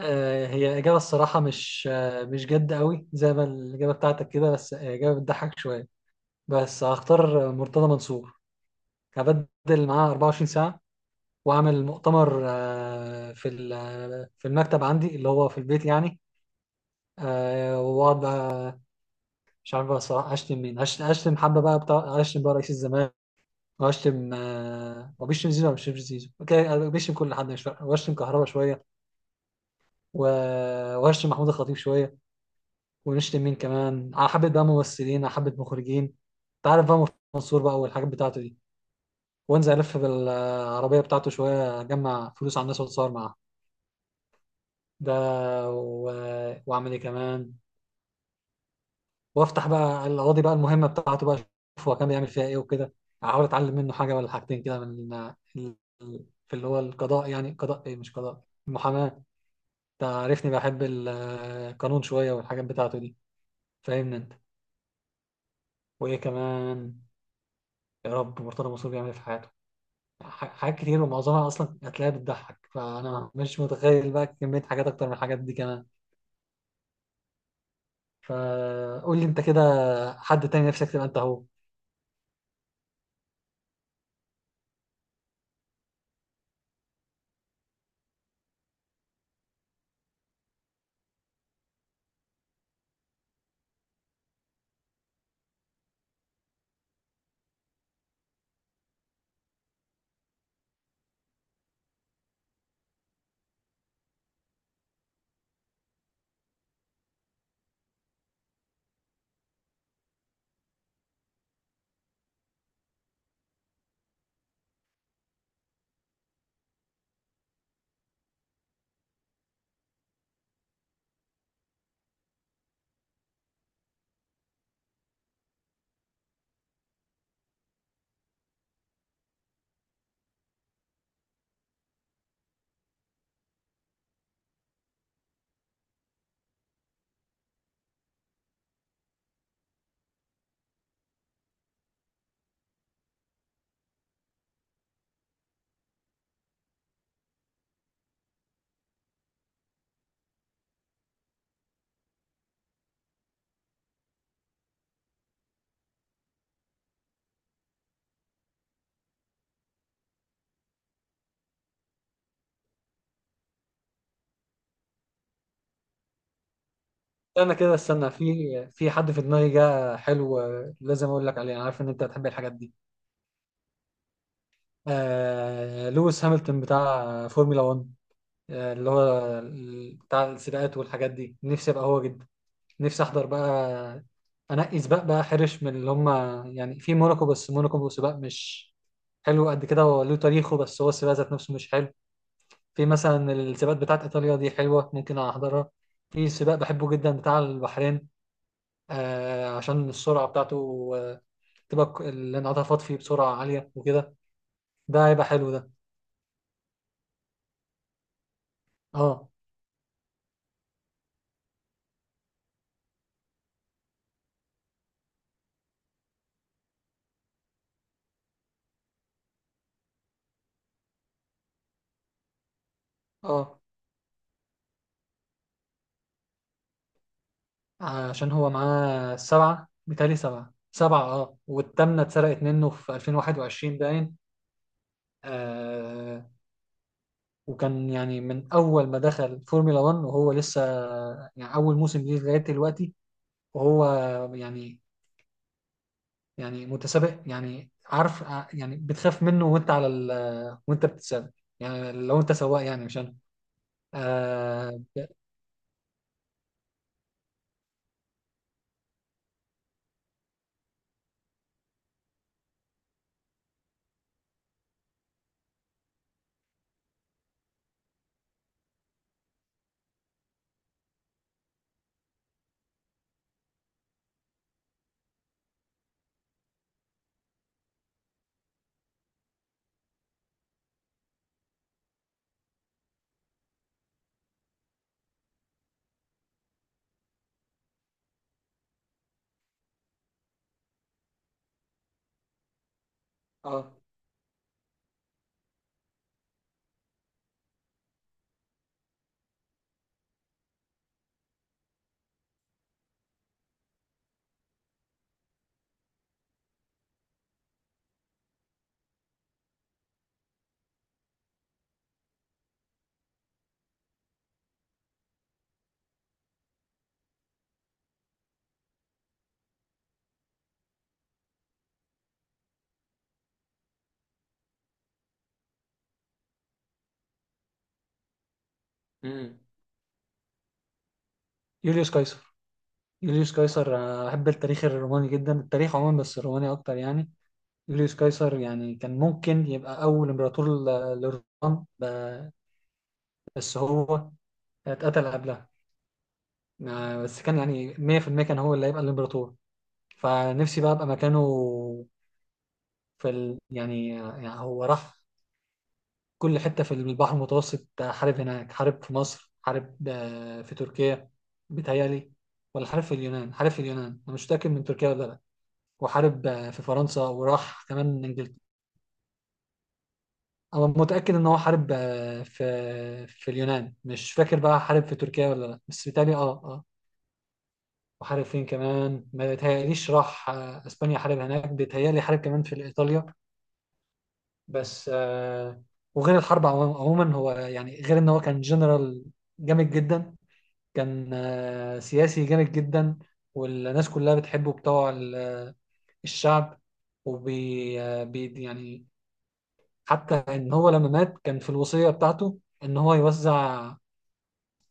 هي إجابة الصراحة، مش مش جد قوي زي ما الإجابة بتاعتك كده، بس هي إجابة بتضحك شوية. بس هختار مرتضى منصور، هبدل معاه 24 ساعة وأعمل مؤتمر آه، في ال- آه، في المكتب عندي اللي هو في البيت يعني. وأقعد بقى، مش عارف بقى الصراحة أشتم مين. هشتم حبة بقى بتاع، أشتم بقى رئيس الزمان، وأشتم، هو بيشتم زيزو ولا مش بيشتم زيزو؟ أوكي، أنا بيشتم كل حد مش فارقة، وأشتم كهربا شوية، وأشتم محمود الخطيب شوية، ونشتم مين كمان، على حبة بقى ممثلين، على حبة مخرجين. انت عارف بقى، منصور بقى والحاجات بتاعته دي. وانزل الف بالعربية بتاعته شوية، اجمع فلوس على الناس واتصور معاها ده، و... واعمل ايه كمان، وافتح بقى القواضي بقى المهمة بتاعته بقى، اشوف هو كان بيعمل فيها ايه وكده، احاول اتعلم منه حاجة ولا حاجتين كده ال... في اللي هو القضاء، يعني قضاء ايه مش قضاء المحاماة. تعرفني بحب القانون شوية والحاجات بتاعته دي، فاهمني انت. وايه كمان؟ يا رب، مرتضى منصور بيعمل ايه في حياته، حاجات كتير ومعظمها اصلا هتلاقيها بتضحك، فانا مش متخيل بقى كمية حاجات اكتر من الحاجات دي كمان. فقول لي انت كده، حد تاني نفسك تبقى انت هو. انا كده استنى، في حد في دماغي جه حلو. لازم اقول لك عليه، انا عارف ان انت بتحب الحاجات دي. لويس هامilton بتاع فورمولا 1، اللي هو بتاع السباقات والحاجات دي، نفسي ابقى هو جدا. نفسي احضر بقى انقي سباق بقى حرش من اللي هم، يعني في موناكو، بس موناكو سباق مش حلو قد كده، هو له تاريخه بس هو السباق ذات نفسه مش حلو. في مثلا السباقات بتاعت ايطاليا دي حلوه، ممكن احضرها. في سباق بحبه جدا بتاع البحرين، آه عشان السرعه بتاعته، تبقى الانعطافات فيه بسرعه عاليه وكده، ده هيبقى حلو ده. اه، اه. عشان هو معاه سبعه، بتهيألي سبعه، سبعه، اه، والتامنه اتسرقت منه في 2021 باين. آه، وكان يعني من أول ما دخل فورمولا 1 وهو لسه، يعني أول موسم ليه لغاية دلوقتي، وهو يعني يعني متسابق، يعني عارف، يعني بتخاف منه وأنت على ال وأنت بتتسابق، يعني لو أنت سواق، يعني مش أنا. آه اه امم يوليوس قيصر. يوليوس قيصر، أحب التاريخ الروماني جدا، التاريخ عموما بس الروماني أكتر يعني. يوليوس قيصر يعني كان ممكن يبقى أول إمبراطور للرومان، بس هو اتقتل قبلها. بس كان يعني 100% كان هو اللي هيبقى الامبراطور، فنفسي بقى ابقى مكانه. يعني يعني هو راح كل حتة في البحر المتوسط، حارب هناك، حارب في مصر، حارب في تركيا بيتهيألي، ولا حارب في اليونان. حارب في اليونان، انا مش متأكد من تركيا ولا لا. وحارب في فرنسا، وراح كمان انجلترا. انا متأكد ان هو حارب في اليونان، مش فاكر بقى حارب في تركيا ولا لا، بس بيتهيألي وحارب فين كمان؟ ما بيتهيأليش، راح اسبانيا، حارب هناك بيتهيألي، حارب كمان في ايطاليا بس. وغير الحرب عموما، هو يعني غير ان هو كان جنرال جامد جدا، كان سياسي جامد جدا، والناس كلها بتحبه، بتوع الشعب. وبي آه، بي يعني حتى ان هو لما مات كان في الوصية بتاعته ان هو يوزع،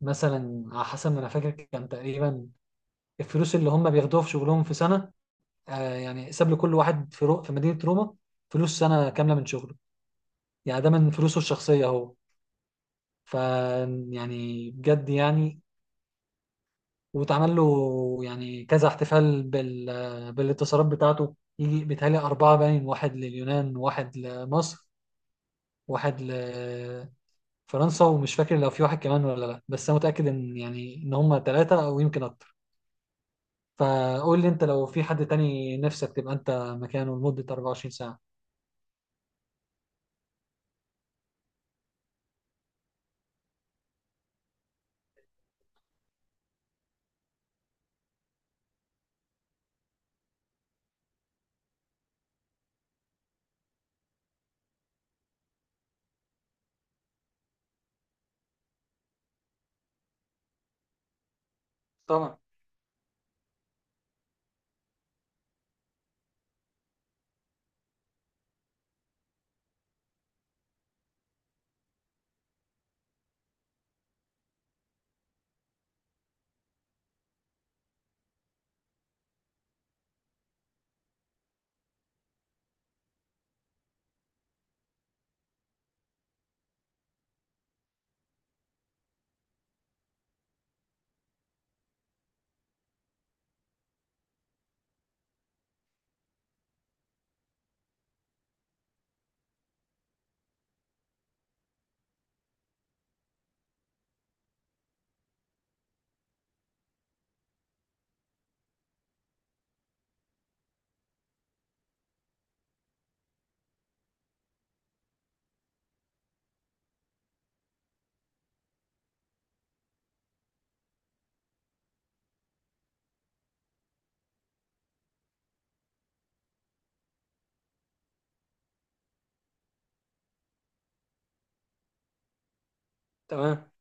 مثلا على حسب ما انا فاكر كان تقريبا الفلوس اللي هم بياخدوها في شغلهم في سنة. آه يعني ساب لكل واحد في في مدينة روما فلوس سنة كاملة من شغله، يعني ده من فلوسه الشخصية هو. ف يعني بجد يعني. واتعمل له يعني كذا احتفال، بالاتصالات بتاعته، يجي بيتهيألي أربعة باين، واحد لليونان وواحد لمصر واحد لفرنسا، ومش فاكر لو في واحد كمان ولا لا، بس أنا متأكد إن، يعني إن هما ثلاثة أو يمكن أكتر. فقول لي أنت، لو في حد تاني نفسك تبقى أنت مكانه لمدة 24 ساعة. طبعا. تمام.